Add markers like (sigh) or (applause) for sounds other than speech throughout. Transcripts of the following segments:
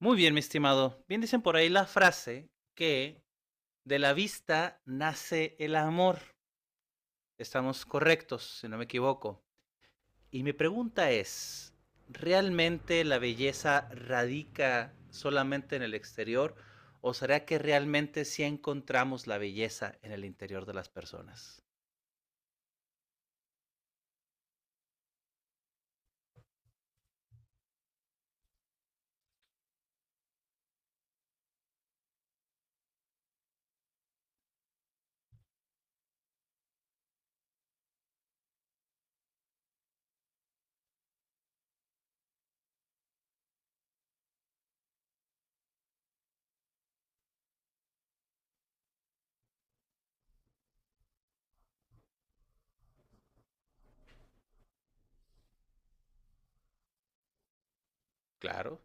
Muy bien, mi estimado. Bien dicen por ahí la frase que de la vista nace el amor. Estamos correctos, si no me equivoco. Y mi pregunta es, ¿realmente la belleza radica solamente en el exterior o será que realmente sí encontramos la belleza en el interior de las personas? Claro.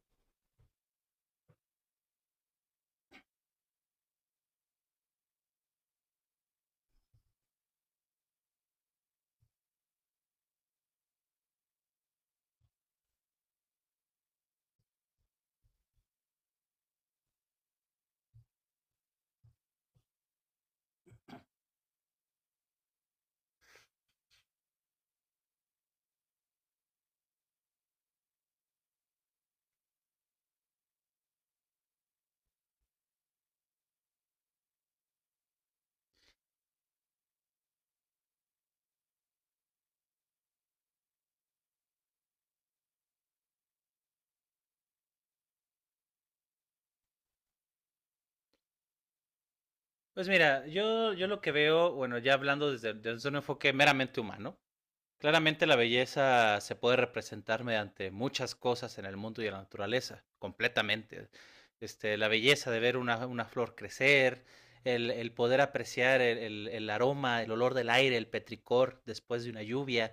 Pues mira, yo lo que veo, bueno, ya hablando desde un enfoque meramente humano, claramente la belleza se puede representar mediante muchas cosas en el mundo y en la naturaleza, completamente. La belleza de ver una flor crecer, el poder apreciar el aroma, el olor del aire, el petricor después de una lluvia,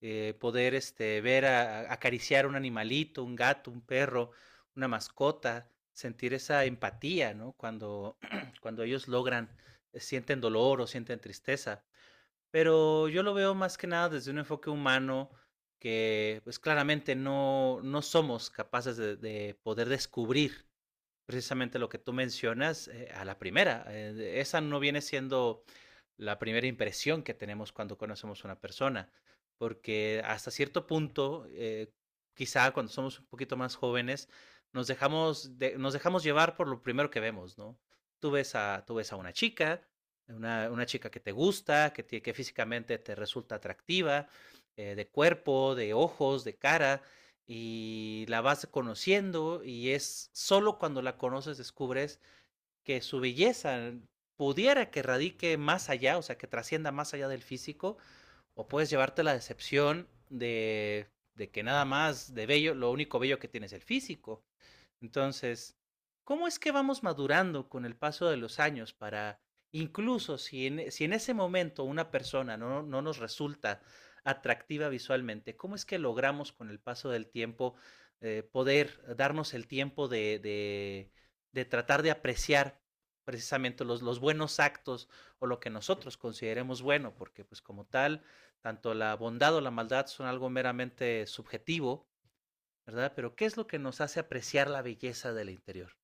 poder ver acariciar un animalito, un gato, un perro, una mascota, sentir esa empatía, ¿no? Cuando, (clears throat) cuando ellos logran, sienten dolor o sienten tristeza, pero yo lo veo más que nada desde un enfoque humano, que pues claramente no somos capaces de poder descubrir precisamente lo que tú mencionas, a la primera. Esa no viene siendo la primera impresión que tenemos cuando conocemos a una persona, porque hasta cierto punto, quizá cuando somos un poquito más jóvenes, nos nos dejamos llevar por lo primero que vemos, ¿no? Tú tú ves a una chica, una chica que te gusta, que físicamente te resulta atractiva, de cuerpo, de ojos, de cara, y la vas conociendo, y es solo cuando la conoces descubres que su belleza pudiera que radique más allá, o sea, que trascienda más allá del físico, o puedes llevarte la decepción de que nada más de bello, lo único bello que tienes es el físico. Entonces, ¿cómo es que vamos madurando con el paso de los años para, incluso si en ese momento una persona no nos resulta atractiva visualmente, cómo es que logramos con el paso del tiempo poder darnos el tiempo de tratar de apreciar precisamente buenos actos o lo que nosotros consideremos bueno? Porque pues como tal, tanto la bondad o la maldad son algo meramente subjetivo, ¿verdad? Pero ¿qué es lo que nos hace apreciar la belleza del interior?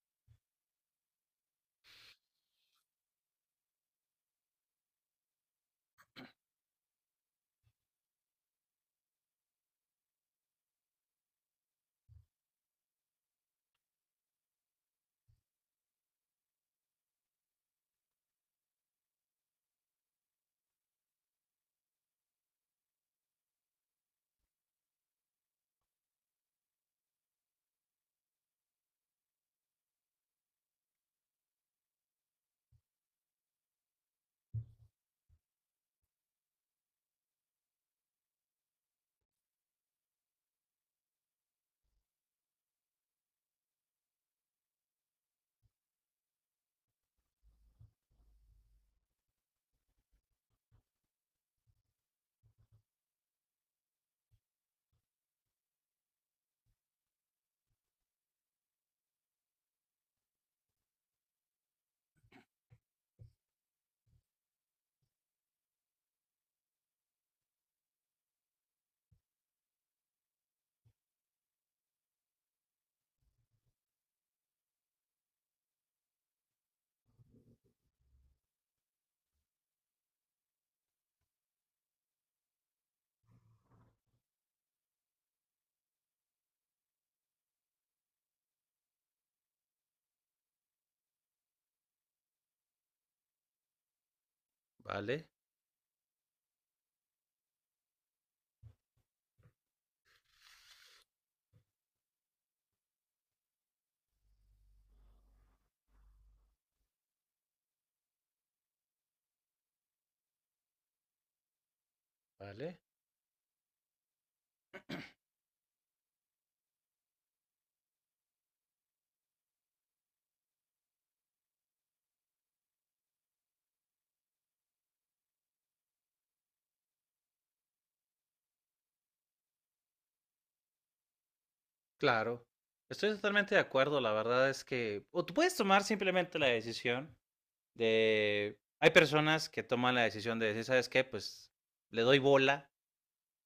¿Vale? ¿Vale? Claro. Estoy totalmente de acuerdo. La verdad es que o tú puedes tomar simplemente la decisión de, hay personas que toman la decisión de decir, ¿sabes qué? Pues le doy bola,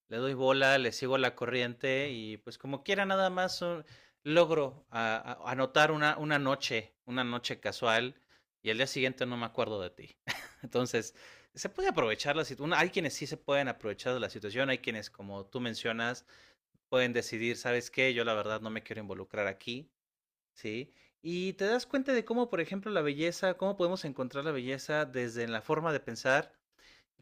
le doy bola, le sigo la corriente, y pues como quiera nada más, logro anotar una noche casual, y el día siguiente no me acuerdo de ti. (laughs) Entonces, se puede aprovechar la situación. Hay quienes sí se pueden aprovechar de la situación, hay quienes, como tú mencionas, pueden decidir, ¿sabes qué? Yo la verdad no me quiero involucrar aquí, ¿sí? Y te das cuenta de cómo, por ejemplo, la belleza, cómo podemos encontrar la belleza desde la forma de pensar.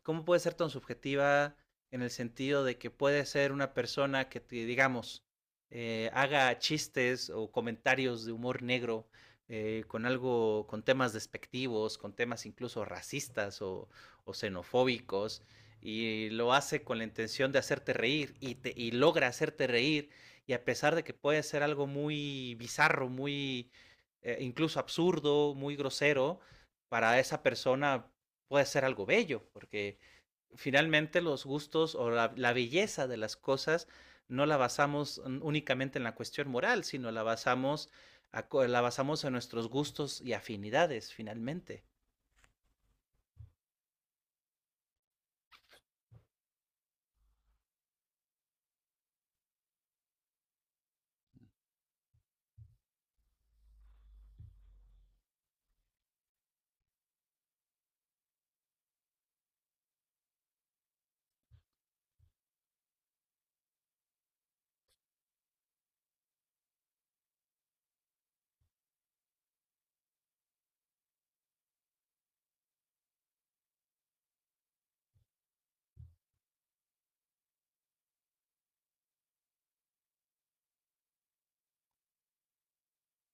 ¿Cómo puede ser tan subjetiva, en el sentido de que puede ser una persona que, digamos, haga chistes o comentarios de humor negro, con algo, con temas despectivos, con temas incluso racistas o xenofóbicos, y lo hace con la intención de hacerte reír y logra hacerte reír, y a pesar de que puede ser algo muy bizarro, muy incluso absurdo, muy grosero, para esa persona puede ser algo bello, porque finalmente los gustos o belleza de las cosas no la basamos únicamente en la cuestión moral, sino la basamos, la basamos en nuestros gustos y afinidades, finalmente.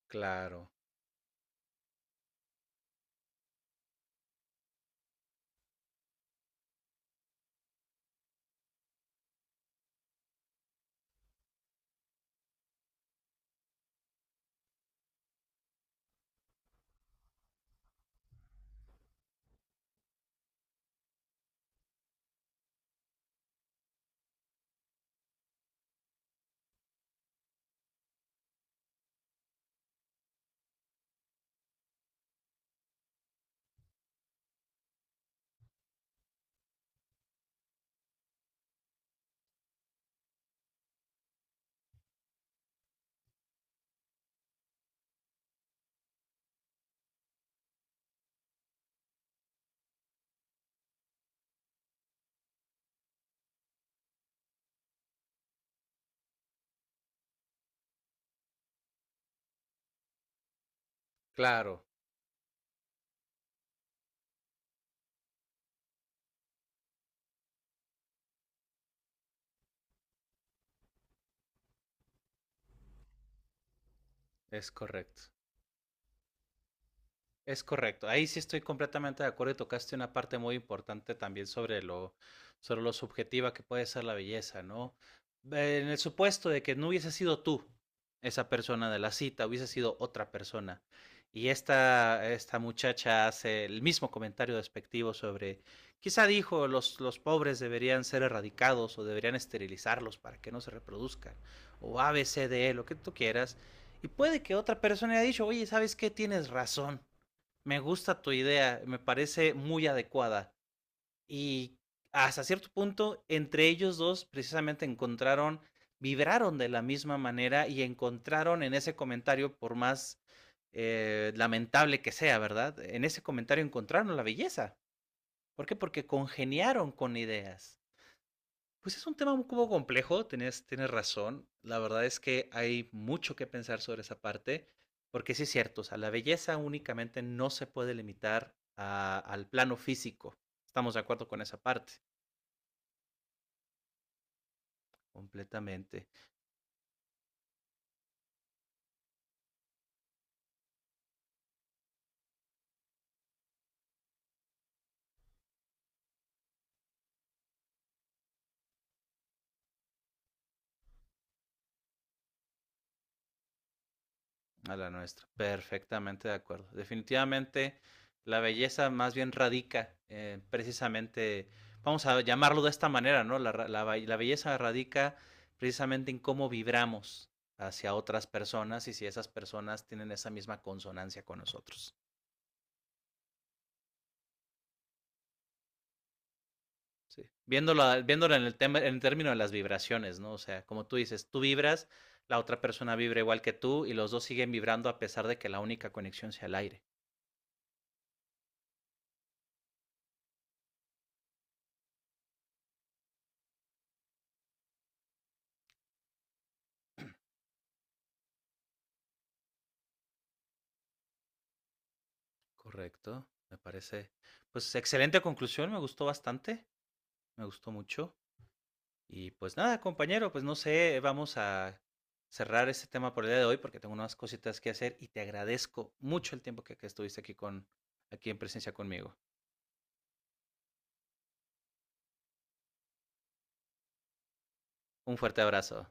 Claro, claro, es correcto. Es correcto. Ahí sí estoy completamente de acuerdo, y tocaste una parte muy importante también sobre lo subjetiva que puede ser la belleza, ¿no? En el supuesto de que no hubiese sido tú esa persona de la cita, hubiese sido otra persona. Y esta muchacha hace el mismo comentario despectivo sobre, quizá dijo, los pobres deberían ser erradicados o deberían esterilizarlos para que no se reproduzcan, o A, B, C, D, E, lo que tú quieras. Y puede que otra persona haya dicho, oye, ¿sabes qué? Tienes razón, me gusta tu idea, me parece muy adecuada. Y hasta cierto punto, entre ellos dos precisamente encontraron, vibraron de la misma manera, y encontraron en ese comentario, por más lamentable que sea, ¿verdad? En ese comentario encontraron la belleza. ¿Por qué? Porque congeniaron con ideas. Pues es un tema un poco complejo, tienes razón. La verdad es que hay mucho que pensar sobre esa parte, porque sí es cierto, o sea, la belleza únicamente no se puede limitar al plano físico. Estamos de acuerdo con esa parte, completamente. A la nuestra. Perfectamente de acuerdo. Definitivamente la belleza más bien radica, precisamente, vamos a llamarlo de esta manera, ¿no? Belleza radica precisamente en cómo vibramos hacia otras personas y si esas personas tienen esa misma consonancia con nosotros. Sí. Viéndolo, viéndolo en el tema, en el término de las vibraciones, ¿no? O sea, como tú dices, tú vibras, la otra persona vibra igual que tú, y los dos siguen vibrando a pesar de que la única conexión sea el aire. Correcto, me parece. Pues excelente conclusión, me gustó bastante, me gustó mucho. Y pues nada, compañero, pues no sé, vamos a cerrar este tema por el día de hoy, porque tengo unas cositas que hacer, y te agradezco mucho el tiempo que estuviste aquí con aquí en presencia conmigo. Un fuerte abrazo.